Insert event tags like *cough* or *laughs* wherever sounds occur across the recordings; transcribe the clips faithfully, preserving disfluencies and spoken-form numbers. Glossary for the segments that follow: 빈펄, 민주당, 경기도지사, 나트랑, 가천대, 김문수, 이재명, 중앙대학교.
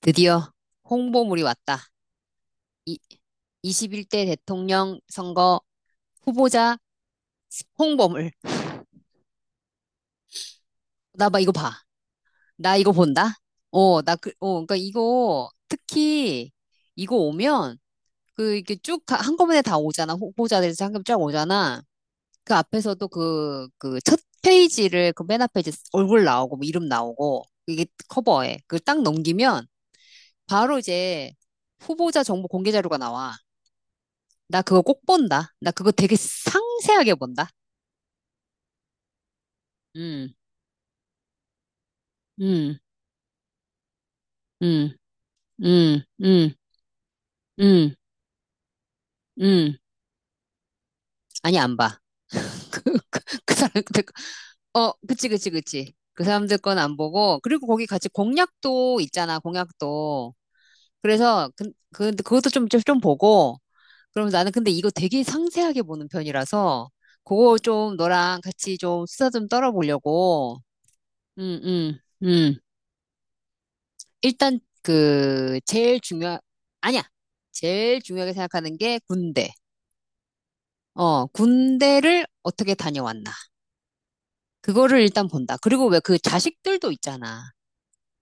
드디어 홍보물이 왔다. 이, 이십일 대 대통령 선거 후보자 홍보물. 나 봐, 이거 봐. 나 이거 본다. 어, 나 그, 어, 그러니까 이거 특히 이거 오면 그 이렇게 쭉 가- 한꺼번에 다 오잖아. 후보자들 한꺼번에 쫙 오잖아. 그 앞에서도 그, 그 첫 페이지를 그 맨 앞에 이제 얼굴 나오고 뭐 이름 나오고 이게 커버에 그걸 딱 넘기면 바로 이제 후보자 정보 공개 자료가 나와. 나 그거 꼭 본다. 나 그거 되게 상세하게 본다. 음, 음, 음, 음, 음, 음, 음. 아니, 안 봐. *laughs* 그, 그, 그 사람들, 거- 어, 그치, 그치, 그치. 그 사람들 건 안 보고. 그리고 거기 같이 공약도 있잖아, 공약도. 그래서, 그, 그, 그것도 좀, 좀, 좀 보고. 그럼 나는 근데 이거 되게 상세하게 보는 편이라서, 그거 좀 너랑 같이 좀 수다 좀 떨어보려고. 음, 음, 음. 일단 그 제일 중요 아니야. 제일 중요하게 생각하는 게 군대. 어, 군대를 어떻게 다녀왔나. 그거를 일단 본다. 그리고 왜 그 자식들도 있잖아.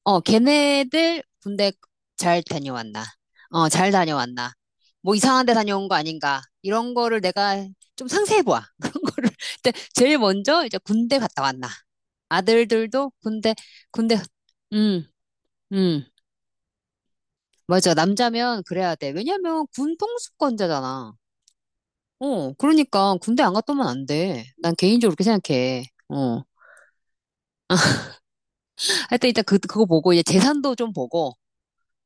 어, 걔네들 군대 잘 다녀왔나. 어, 잘 다녀왔나. 뭐 이상한 데 다녀온 거 아닌가. 이런 거를 내가 좀 상세히 봐. *laughs* 그런 거를. 근데 제일 먼저 이제 군대 갔다 왔나. 아들들도 군대, 군대, 음, 음. 맞아. 남자면 그래야 돼. 왜냐면 군 통수권자잖아. 어, 그러니까 군대 안 갔다 오면 안 돼. 난 개인적으로 그렇게 생각해. 어. 하여튼 일단 그, 그거 보고 이제 재산도 좀 보고,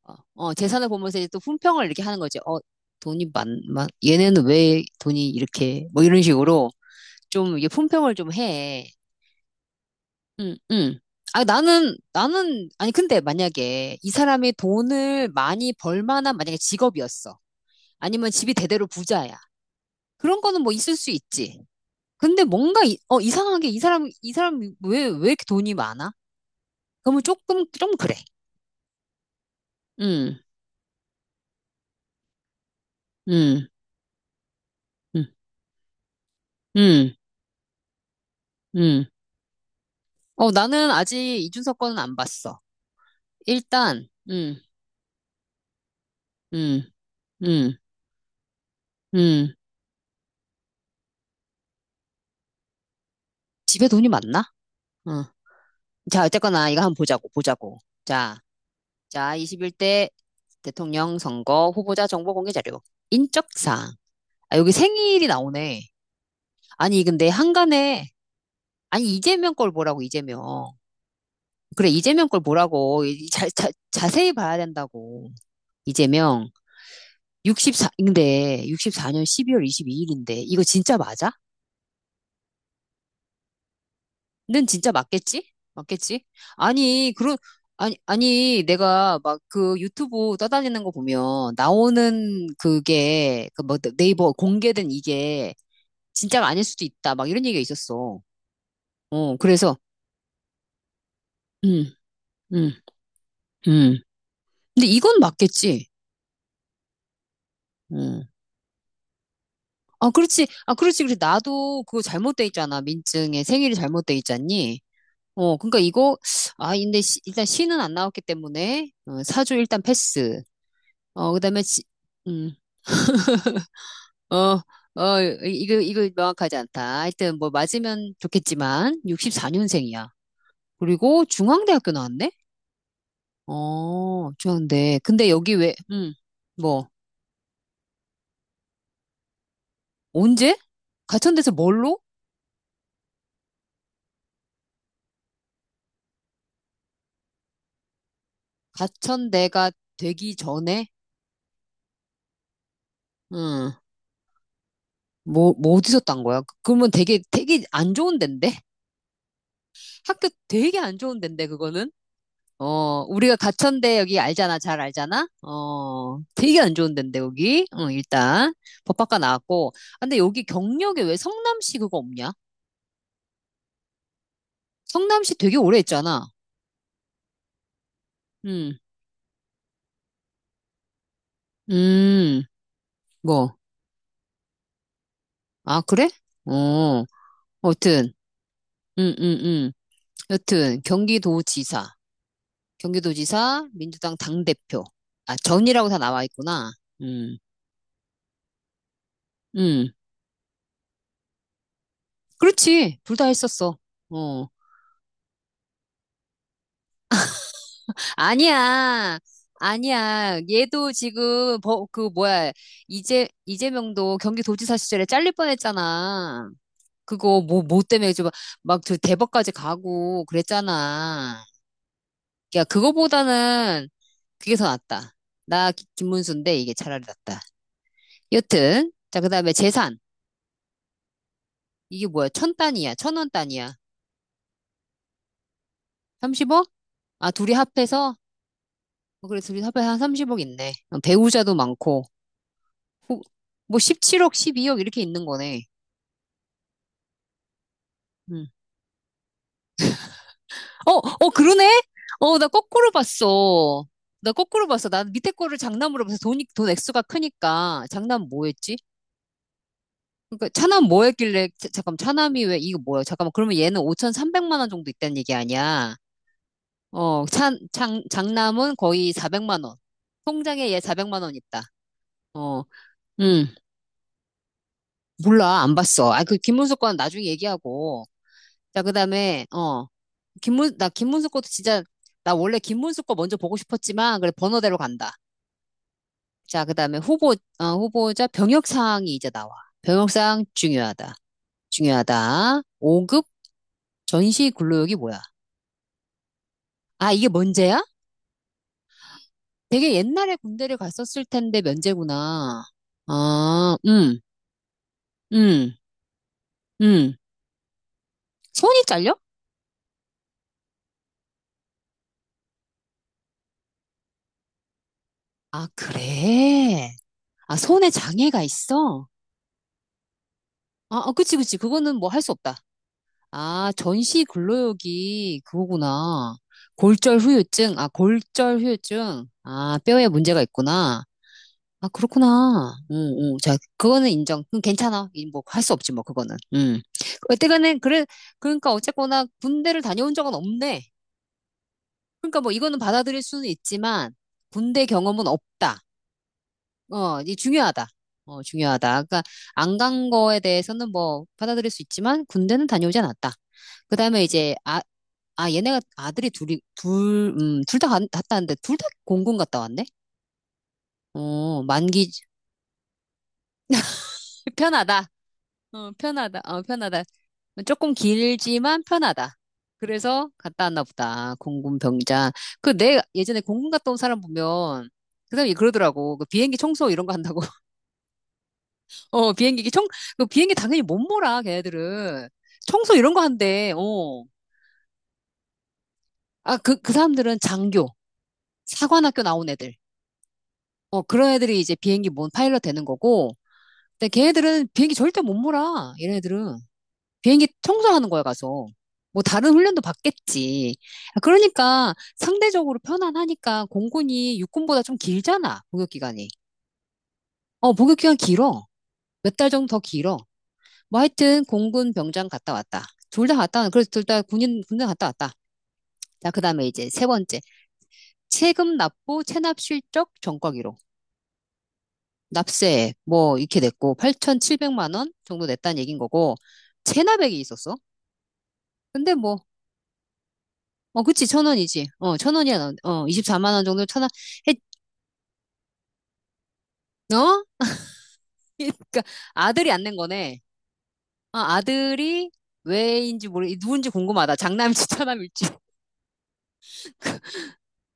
어, 어, 재산을 보면서 이제 또 품평을 이렇게 하는 거지. 어, 돈이 많, 많, 얘네는 왜 돈이 이렇게, 뭐 이런 식으로 좀 이게 품평을 좀 해. 응, 응. 아, 나는, 나는, 아니, 근데 만약에 이 사람이 돈을 많이 벌 만한 만약에 직업이었어. 아니면 집이 대대로 부자야. 그런 거는 뭐 있을 수 있지. 근데 뭔가 이, 어 이상하게 이 사람 이 사람 왜 왜 이렇게 돈이 많아? 그러면 조금 좀 그래. 응 응 응 응. 응. 어 나는 아직 이준석 거는 안 봤어. 일단, 응 응 응 응. 집에 돈이 많나? 어. 자 어쨌거나 이거 한번 보자고 보자고. 자, 자 이십일 대 대통령 선거 후보자 정보 공개 자료 인적사항. 아 여기 생일이 나오네. 아니 근데 한간에 아니 이재명 걸 보라고 이재명. 그래, 이재명 걸 보라고. 이 자, 자, 자세히 봐야 된다고. 이재명. 육십사 근데 육십사 년 십이 월 이십이 일인데 이거 진짜 맞아? 는 진짜 맞겠지? 맞겠지? 아니, 그런 아니 아니 내가 막 그 유튜브 떠다니는 거 보면 나오는 그게 그 뭐 네이버 공개된 이게 진짜가 아닐 수도 있다. 막 이런 얘기가 있었어. 어, 그래서 음, 음, 음. 근데 이건 맞겠지. 음. 아, 그렇지. 아, 그렇지. 그래. 나도 그거 잘못돼 있잖아. 민증에 생일이 잘못돼 있잖니. 어, 그러니까 이거, 아, 근데 시- 일단 시는 안 나왔기 때문에, 어, 사주 일단 패스. 어, 그다음에, 지, 음, 어, 어, 이- 이거, 이거 명확하지 않다. 하여튼 뭐 맞으면 좋겠지만, 육십사 년생이야. 그리고 중앙대학교 나왔네? 어, 중앙대. 근데 여기 왜, 음, 뭐, 언제? 가천대에서 뭘로? 가천대가 되기 전에? 응. 뭐, 뭐 어디서 딴 거야? 그, 그러면 되게, 되게 안 좋은 데인데? 학교 되게 안 좋은 데인데, 그거는? 어, 우리가 가천대 여기 알잖아, 잘 알잖아? 어, 되게 안 좋은 데인데, 여기? 어, 일단. 법학과 나왔고. 아, 근데 여기 경력에 왜 성남시 그거 없냐? 성남시 되게 오래 했잖아. 음, 음, 뭐. 아, 그래? 어, 여튼, 음, 음, 음. 여튼, 경기도지사, 경기도지사, 민주당 당대표. 아, 전이라고 다 나와 있구나. 음. 음, 그렇지. 둘 다 했었어. 어. 아니야. 아니야. 얘도 지금, 버- 그, 뭐야. 이재, 이재명도 경기도지사 시절에 잘릴 뻔했잖아. 그거, 뭐, 뭐 때문에 막, 저 대법까지 가고 그랬잖아. 야, 그거보다는 그게 더 낫다. 나 기- 김문수인데 이게 차라리 낫다. 여튼, 자, 그 다음에 재산. 이게 뭐야? 천 단위야. 천 원 단위야. 삼십 억? 아, 둘이 합해서? 어, 그래, 둘이 합해서 한 삼십 억 있네. 어, 배우자도 많고. 어, 뭐 십칠 억, 십이 억 이렇게 있는 거네. 음. 어, 어, 그러네? 어, 나 거꾸로 봤어. 나 거꾸로 봤어. 난 밑에 거를 장남으로 봐서 돈이, 돈 액수가 크니까. 장남 뭐였지? 그러니까 차남 뭐 했길래, 자- 잠깐만, 차남이 왜, 이거 뭐야? 잠깐만, 그러면 얘는 오천삼백만 원 정도 있다는 얘기 아니야? 어, 차, 장, 장남은 거의 사백만 원. 통장에 얘 사백만 원 있다. 어, 음, 몰라, 안 봤어. 아, 그 김문수 건 나중에 얘기하고. 자, 그다음에 어 김문 나 김문수 것도 진짜 나 원래 김문수 거 먼저 보고 싶었지만 그래 번호대로 간다. 자, 그다음에 후보 어, 후보자 병역 사항이 이제 나와. 병역 사항 중요하다. 중요하다. 오 급 전시 근로역이 뭐야? 아, 이게 면제야? 되게 옛날에 군대를 갔었을 텐데 면제구나. 아, 음, 음, 음. 손이 잘려? 아, 그래. 아, 손에 장애가 있어? 아, 아, 그치, 그치. 그거는 뭐 할 수 없다. 아, 전시 근로역이 그거구나. 골절 후유증, 아, 골절 후유증. 아, 뼈에 문제가 있구나. 아, 그렇구나. 응, 응. 자, 그거는 인정. 그건 괜찮아. 이 뭐, 할 수 없지, 뭐, 그거는. 응. 어쨌거나, 그래, 그러니까 어쨌거나 군대를 다녀온 적은 없네. 그러니까 뭐, 이거는 받아들일 수는 있지만, 군대 경험은 없다. 어, 이 중요하다. 어, 중요하다. 그러니까 안 간 거에 대해서는 뭐 받아들일 수 있지만 군대는 다녀오지 않았다. 그다음에 이제 아, 아 얘네가 아들이 둘이 둘, 음, 둘 다 갔다 왔는데 둘 다 공군 갔다 왔네. 어, 만기 *laughs* 편하다. 어, 편하다. 어, 편하다. 조금 길지만 편하다. 그래서 갔다 왔나 보다. 공군 병장. 그 내 예전에 공군 갔다 온 사람 보면 그 사람이 그러더라고. 그 비행기 청소 이런 거 한다고. 어, 비행기기 청, 그 비행기 당연히 못 몰아, 걔네들은. 청소 이런 거 한대, 어. 아, 그, 그 사람들은 장교, 사관학교 나온 애들. 어, 그런 애들이 이제 비행기 뭔 파일럿 되는 거고. 근데 걔네들은 비행기 절대 못 몰아, 이런 애들은. 비행기 청소하는 거야, 가서. 뭐 다른 훈련도 받겠지. 그러니까 상대적으로 편안하니까 공군이 육군보다 좀 길잖아, 복역 기간이. 어, 복역 기간 길어. 몇 달 정도 더 길어. 뭐 하여튼 공군 병장 갔다 왔다. 둘 다 갔다 왔 그래서 둘 다 군인 군대 갔다 왔다. 자, 그다음에 이제 세 번째. 세금 납부 체납 실적 전과 기록. 납세 뭐 이렇게 냈고 팔천칠백만 원 정도 냈다는 얘긴 거고 체납액이 있었어. 근데 뭐 어, 그치, 천 원이지. 어, 천 원이야. 어, 이십사 만 원 정도 천원 했, 어? *laughs* 그러니까 아들이 안 낸 거네. 아, 아들이 왜인지 모르, 누군지 궁금하다. 장남일지 차남일지.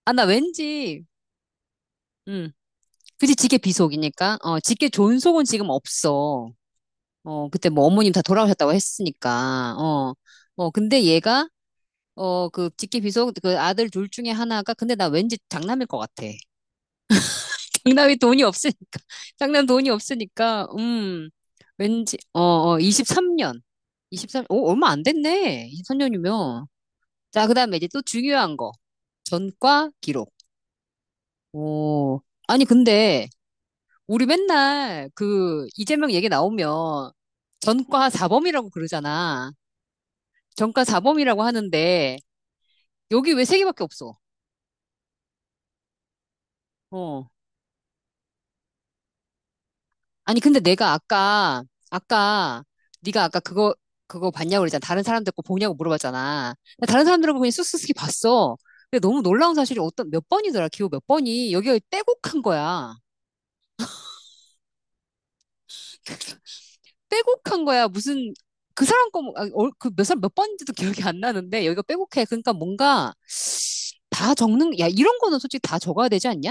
아, 나 왠지, 음. 그치, 직계 비속이니까. 어, 직계 존속은 지금 없어. 어, 그때 뭐 어머님 다 돌아오셨다고 했으니까. 어, 어, 근데 얘가, 어, 그 직계 비속, 그 아들 둘 중에 하나가, 근데 나 왠지 장남일 것 같아. *laughs* 장남이 돈이 없으니까. *laughs* 장남 돈이 없으니까, 음, 왠지, 어, 어, 이십삼 년. 이십삼, 오, 얼마 안 됐네. 이십삼 년이면. 자, 그 다음에 이제 또 중요한 거. 전과 기록. 오, 아니, 근데, 우리 맨날 그 이재명 얘기 나오면 전과 사범이라고 그러잖아. 전과 사범이라고 하는데 여기 왜 세 개밖에 없어? 어. 아니 근데 내가 아까 아까 네가 아까 그거 그거 봤냐고 그랬잖아. 다른 사람들 거 보냐고 물어봤잖아. 근데 다른 사람들하고 그냥 쑥쑥히 봤어. 근데 너무 놀라운 사실이 어떤 몇 번이더라. 기호 몇 번이 여기가 빼곡한 거야. 빼곡한 거야. 무슨 그 사람 거 그몇 사람 몇 번인지도 기억이 안 나는데 여기가 빼곡해. 그러니까 뭔가 다 적는, 야, 이런 거는 솔직히 다 적어야 되지 않냐?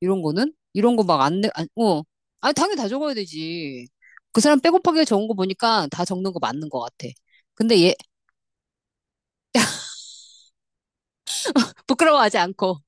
이런 거는? 이런 거 막 안, 내- 안, 어. 아니, 당연히 다 적어야 되지. 그 사람 빼곡하게 적은 거 보니까 다 적는 거 맞는 거 같아. 근데 얘, 부끄러워하지 않고.